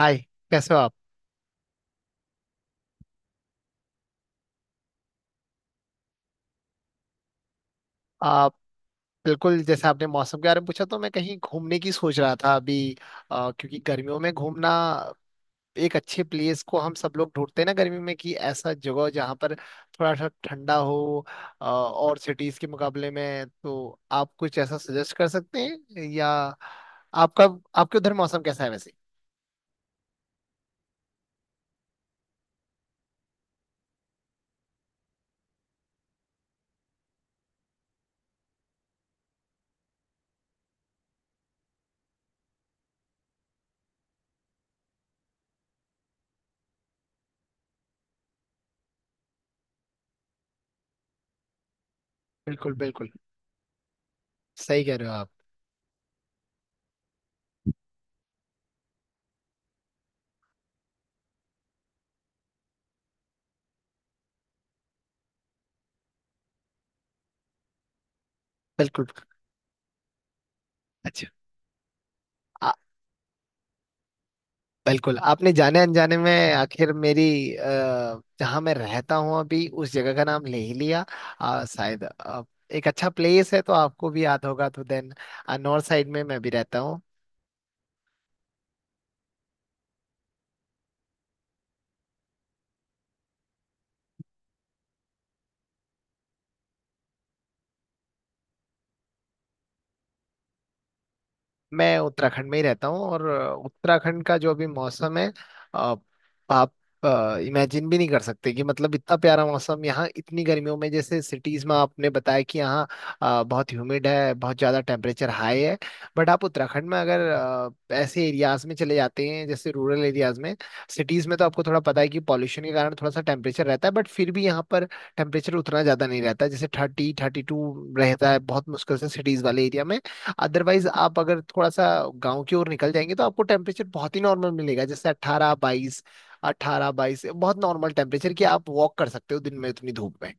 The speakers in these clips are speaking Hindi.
हाय। कैसे हो आप? आप? बिल्कुल, जैसे आपने मौसम के बारे में पूछा, तो मैं कहीं घूमने की सोच रहा था अभी। क्योंकि गर्मियों में घूमना, एक अच्छे प्लेस को हम सब लोग ढूंढते हैं ना गर्मी में, कि ऐसा जगह जहाँ पर थोड़ा सा ठंडा हो। और सिटीज के मुकाबले में तो आप कुछ ऐसा सजेस्ट कर सकते हैं? या आपका आपके उधर मौसम कैसा है वैसे? बिल्कुल बिल्कुल, सही कह रहे हो आप। बिल्कुल। अच्छा। बिल्कुल, आपने जाने अनजाने में आखिर मेरी, जहाँ मैं रहता हूँ अभी, उस जगह का नाम ले ही लिया। अ, शायद अ, एक अच्छा प्लेस है, तो आपको भी याद होगा तो देन, नॉर्थ साइड में मैं भी रहता हूँ। मैं उत्तराखंड में ही रहता हूँ। और उत्तराखंड का जो अभी मौसम है, अ, आप इमेजिन भी नहीं कर सकते, कि मतलब इतना प्यारा मौसम यहाँ। इतनी गर्मियों में, जैसे सिटीज में आपने बताया कि यहाँ बहुत ह्यूमिड है, बहुत ज़्यादा टेम्परेचर हाई है। बट आप उत्तराखंड में अगर ऐसे एरियाज में चले जाते हैं, जैसे रूरल एरियाज में। सिटीज में तो आपको थोड़ा पता है कि पॉल्यूशन के कारण थोड़ा सा टेम्परेचर रहता है, बट फिर भी यहाँ पर टेम्परेचर उतना ज़्यादा नहीं रहता, जैसे थर्टी थर्टी टू रहता है, बहुत मुश्किल से सिटीज वाले एरिया में। अदरवाइज, आप अगर थोड़ा सा गांव की ओर निकल जाएंगे तो आपको टेम्परेचर बहुत ही नॉर्मल मिलेगा, जैसे 18-22। अट्ठारह बाईस बहुत नॉर्मल टेम्परेचर, कि आप वॉक कर सकते हो दिन में इतनी धूप में।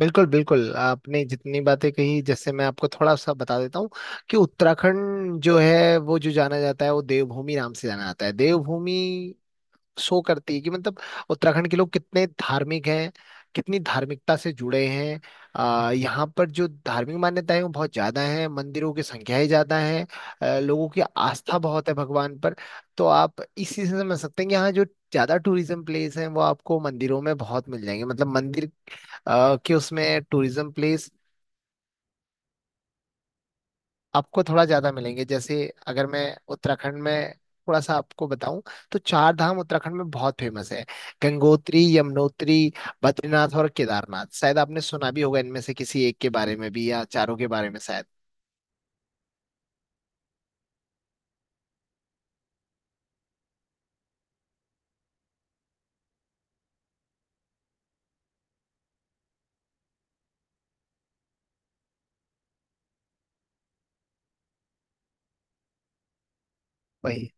बिल्कुल बिल्कुल, आपने जितनी बातें कही, जैसे मैं आपको थोड़ा सा बता देता हूँ कि उत्तराखंड जो है, वो जो जाना जाता है वो देवभूमि नाम से जाना जाता है। देवभूमि शो करती है कि मतलब उत्तराखंड के लोग कितने धार्मिक हैं, कितनी धार्मिकता से जुड़े हैं। यहाँ पर जो धार्मिक मान्यताएं हैं, वो बहुत ज्यादा हैं, मंदिरों की संख्याएं ज्यादा हैं। लोगों की आस्था बहुत है भगवान पर। तो आप इस चीज से समझ सकते हैं कि यहाँ जो ज्यादा टूरिज्म प्लेस हैं, वो आपको मंदिरों में बहुत मिल जाएंगे। मतलब मंदिर के उसमें टूरिज्म प्लेस आपको थोड़ा ज्यादा मिलेंगे। जैसे अगर मैं उत्तराखंड में थोड़ा सा आपको बताऊं, तो चार धाम उत्तराखंड में बहुत फेमस है। गंगोत्री, यमुनोत्री, बद्रीनाथ और केदारनाथ, शायद आपने सुना भी होगा इनमें से किसी एक के बारे में भी, या चारों के बारे में शायद। वही।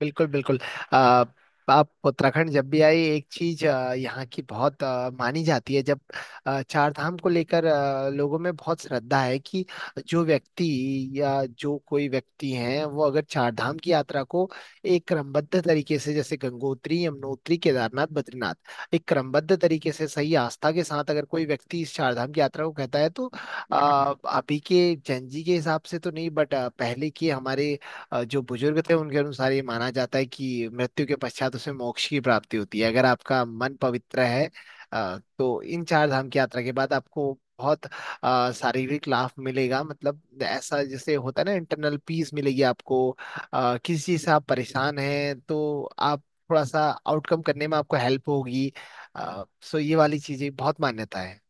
बिल्कुल बिल्कुल। आ, आप उत्तराखंड जब भी आए, एक चीज यहाँ की बहुत मानी जाती है, जब चार धाम को लेकर लोगों में बहुत श्रद्धा है कि जो व्यक्ति, या जो कोई व्यक्ति है, वो अगर चार धाम की यात्रा को एक क्रमबद्ध तरीके से, जैसे गंगोत्री, यमुनोत्री, केदारनाथ, बद्रीनाथ, एक क्रमबद्ध तरीके से सही आस्था के साथ अगर कोई व्यक्ति इस चार धाम की यात्रा को कहता है, तो आ, अभी के जन जी के हिसाब से तो नहीं, बट पहले के हमारे जो बुजुर्ग थे, उनके अनुसार ये माना जाता है कि मृत्यु के पश्चात उसे मोक्ष की प्राप्ति होती है, अगर आपका मन पवित्र है। तो इन चार धाम की यात्रा के बाद आपको बहुत शारीरिक लाभ मिलेगा। मतलब ऐसा जैसे होता है ना, इंटरनल पीस मिलेगी आपको। किसी चीज से आप परेशान हैं, तो आप थोड़ा सा आउटकम करने में आपको हेल्प होगी। सो ये वाली चीजें बहुत मान्यता है।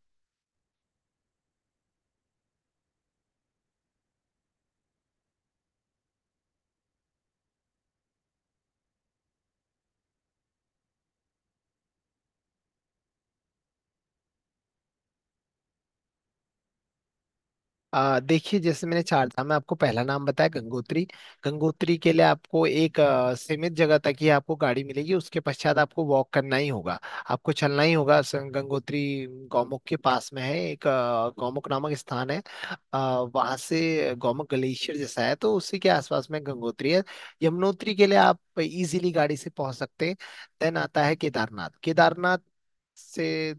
देखिए, जैसे मैंने चार था मैं आपको पहला नाम बताया, गंगोत्री। गंगोत्री के लिए आपको एक सीमित जगह तक ही आपको गाड़ी मिलेगी, उसके पश्चात आपको वॉक करना ही होगा, आपको चलना ही होगा। गंगोत्री गौमुख के पास में है, एक गौमुख नामक स्थान है। वहां से गौमुख ग्लेशियर जैसा है, तो उसी के आसपास में गंगोत्री है। यमुनोत्री के लिए आप इजीली गाड़ी से पहुंच सकते हैं। देन आता है केदारनाथ। केदारनाथ से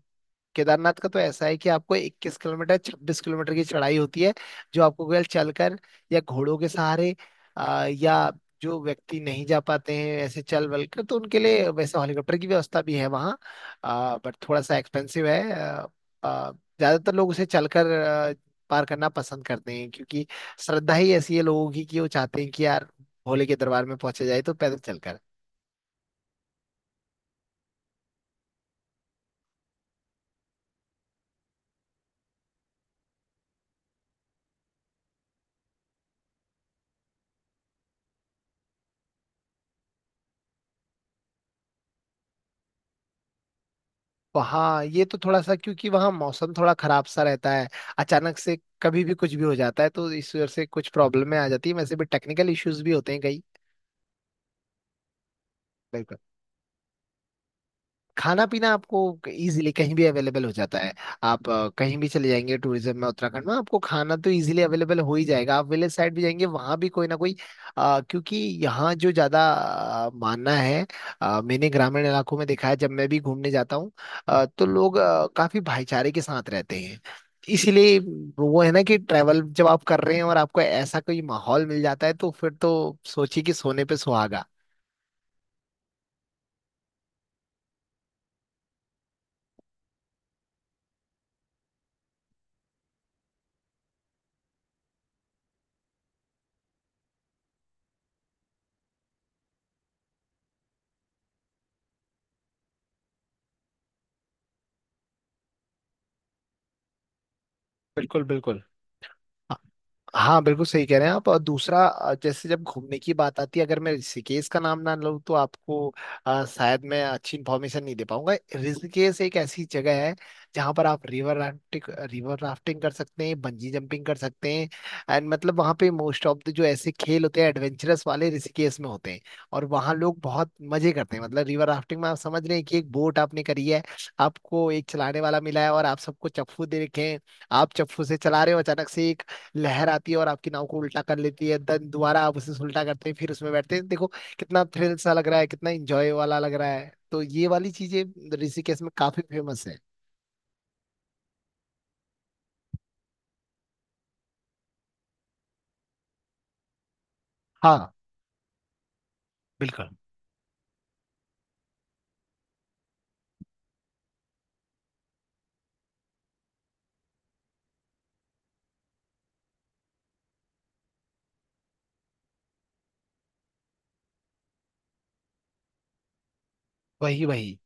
केदारनाथ का तो ऐसा है कि आपको 21 किलोमीटर 26 किलोमीटर की चढ़ाई होती है, जो आपको केवल चलकर, या घोड़ों के सहारे, या जो व्यक्ति नहीं जा पाते हैं ऐसे चल बल कर, तो उनके लिए वैसे हेलीकॉप्टर की व्यवस्था भी है वहाँ। बट थोड़ा सा एक्सपेंसिव है। आ, आ, ज्यादातर लोग उसे चलकर पार करना पसंद करते हैं, क्योंकि श्रद्धा ही ऐसी है लोगों की, कि वो चाहते हैं कि यार भोले के दरबार में पहुंचे जाए तो पैदल चलकर। वहाँ, ये तो थोड़ा सा, क्योंकि वहाँ मौसम थोड़ा खराब सा रहता है, अचानक से कभी भी कुछ भी हो जाता है, तो इस वजह से कुछ प्रॉब्लम में आ जाती है, वैसे भी टेक्निकल इश्यूज भी होते हैं कई। खाना पीना आपको इजीली कहीं भी अवेलेबल हो जाता है। आप कहीं भी चले जाएंगे टूरिज्म में उत्तराखंड में, आपको खाना तो इजीली अवेलेबल हो ही जाएगा। आप विलेज साइड भी जाएंगे, वहां भी कोई ना कोई, क्योंकि यहाँ जो ज्यादा मानना है, मैंने ग्रामीण इलाकों में देखा है जब मैं भी घूमने जाता हूँ, तो लोग काफी भाईचारे के साथ रहते हैं, इसीलिए वो है ना, कि ट्रैवल जब आप कर रहे हैं, और आपको ऐसा कोई माहौल मिल जाता है, तो फिर तो सोचिए कि सोने पे सुहागा। बिल्कुल बिल्कुल। हाँ, बिल्कुल सही कह रहे हैं आप। और दूसरा, जैसे जब घूमने की बात आती है, अगर मैं ऋषिकेश का नाम ना लूँ, तो आपको शायद मैं अच्छी इन्फॉर्मेशन नहीं दे पाऊंगा। ऋषिकेश एक ऐसी जगह है जहाँ पर आप रिवर राफ्टिंग, रिवर राफ्टिंग कर सकते हैं, बंजी जंपिंग कर सकते हैं। एंड मतलब वहाँ पे मोस्ट ऑफ द जो ऐसे खेल होते हैं एडवेंचरस वाले, ऋषिकेश में होते हैं। और वहाँ लोग बहुत मजे करते हैं। मतलब रिवर राफ्टिंग में आप समझ रहे हैं कि एक बोट आपने करी है, आपको एक चलाने वाला मिला है, और आप सबको चप्पू दे रखे हैं। आप चप्पू से चला रहे हो, अचानक से लहर आती है और आपकी नाव को उल्टा कर लेती है। देन दोबारा आप उसे उल्टा करते हैं, फिर उसमें बैठते हैं। देखो कितना थ्रिल सा लग रहा है, कितना एंजॉय वाला लग रहा है। तो ये वाली चीजें ऋषिकेश में काफी फेमस है। हाँ, बिल्कुल। वही, वही।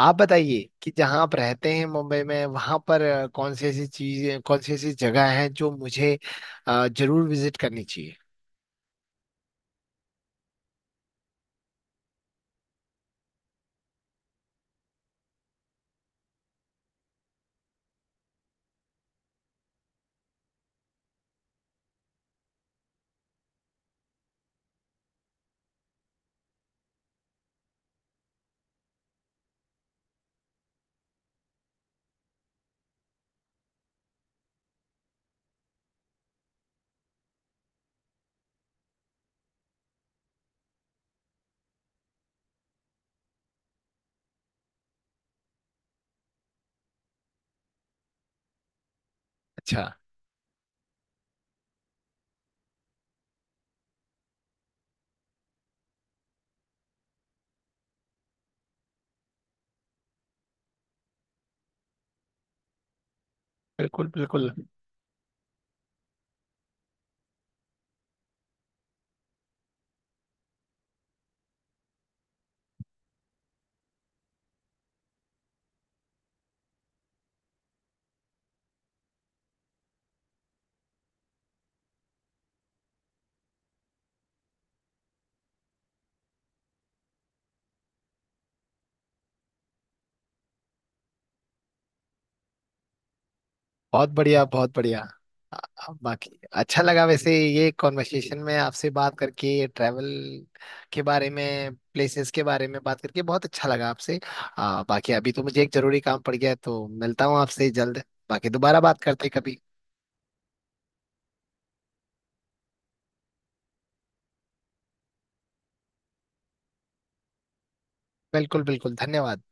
आप बताइए, कि जहाँ आप रहते हैं मुंबई में, वहां पर कौन सी ऐसी जगह है जो मुझे जरूर विजिट करनी चाहिए? अच्छा। बिल्कुल बिल्कुल। बहुत बढ़िया, बहुत बढ़िया। बाकी अच्छा लगा, वैसे ये कॉन्वर्सेशन में आपसे बात करके, ट्रैवल के बारे में, प्लेसेस के बारे में बात करके, बहुत अच्छा लगा आपसे। बाकी अभी तो मुझे एक जरूरी काम पड़ गया है, तो मिलता हूँ आपसे जल्द। बाकी दोबारा बात करते हैं कभी। बिल्कुल बिल्कुल। धन्यवाद।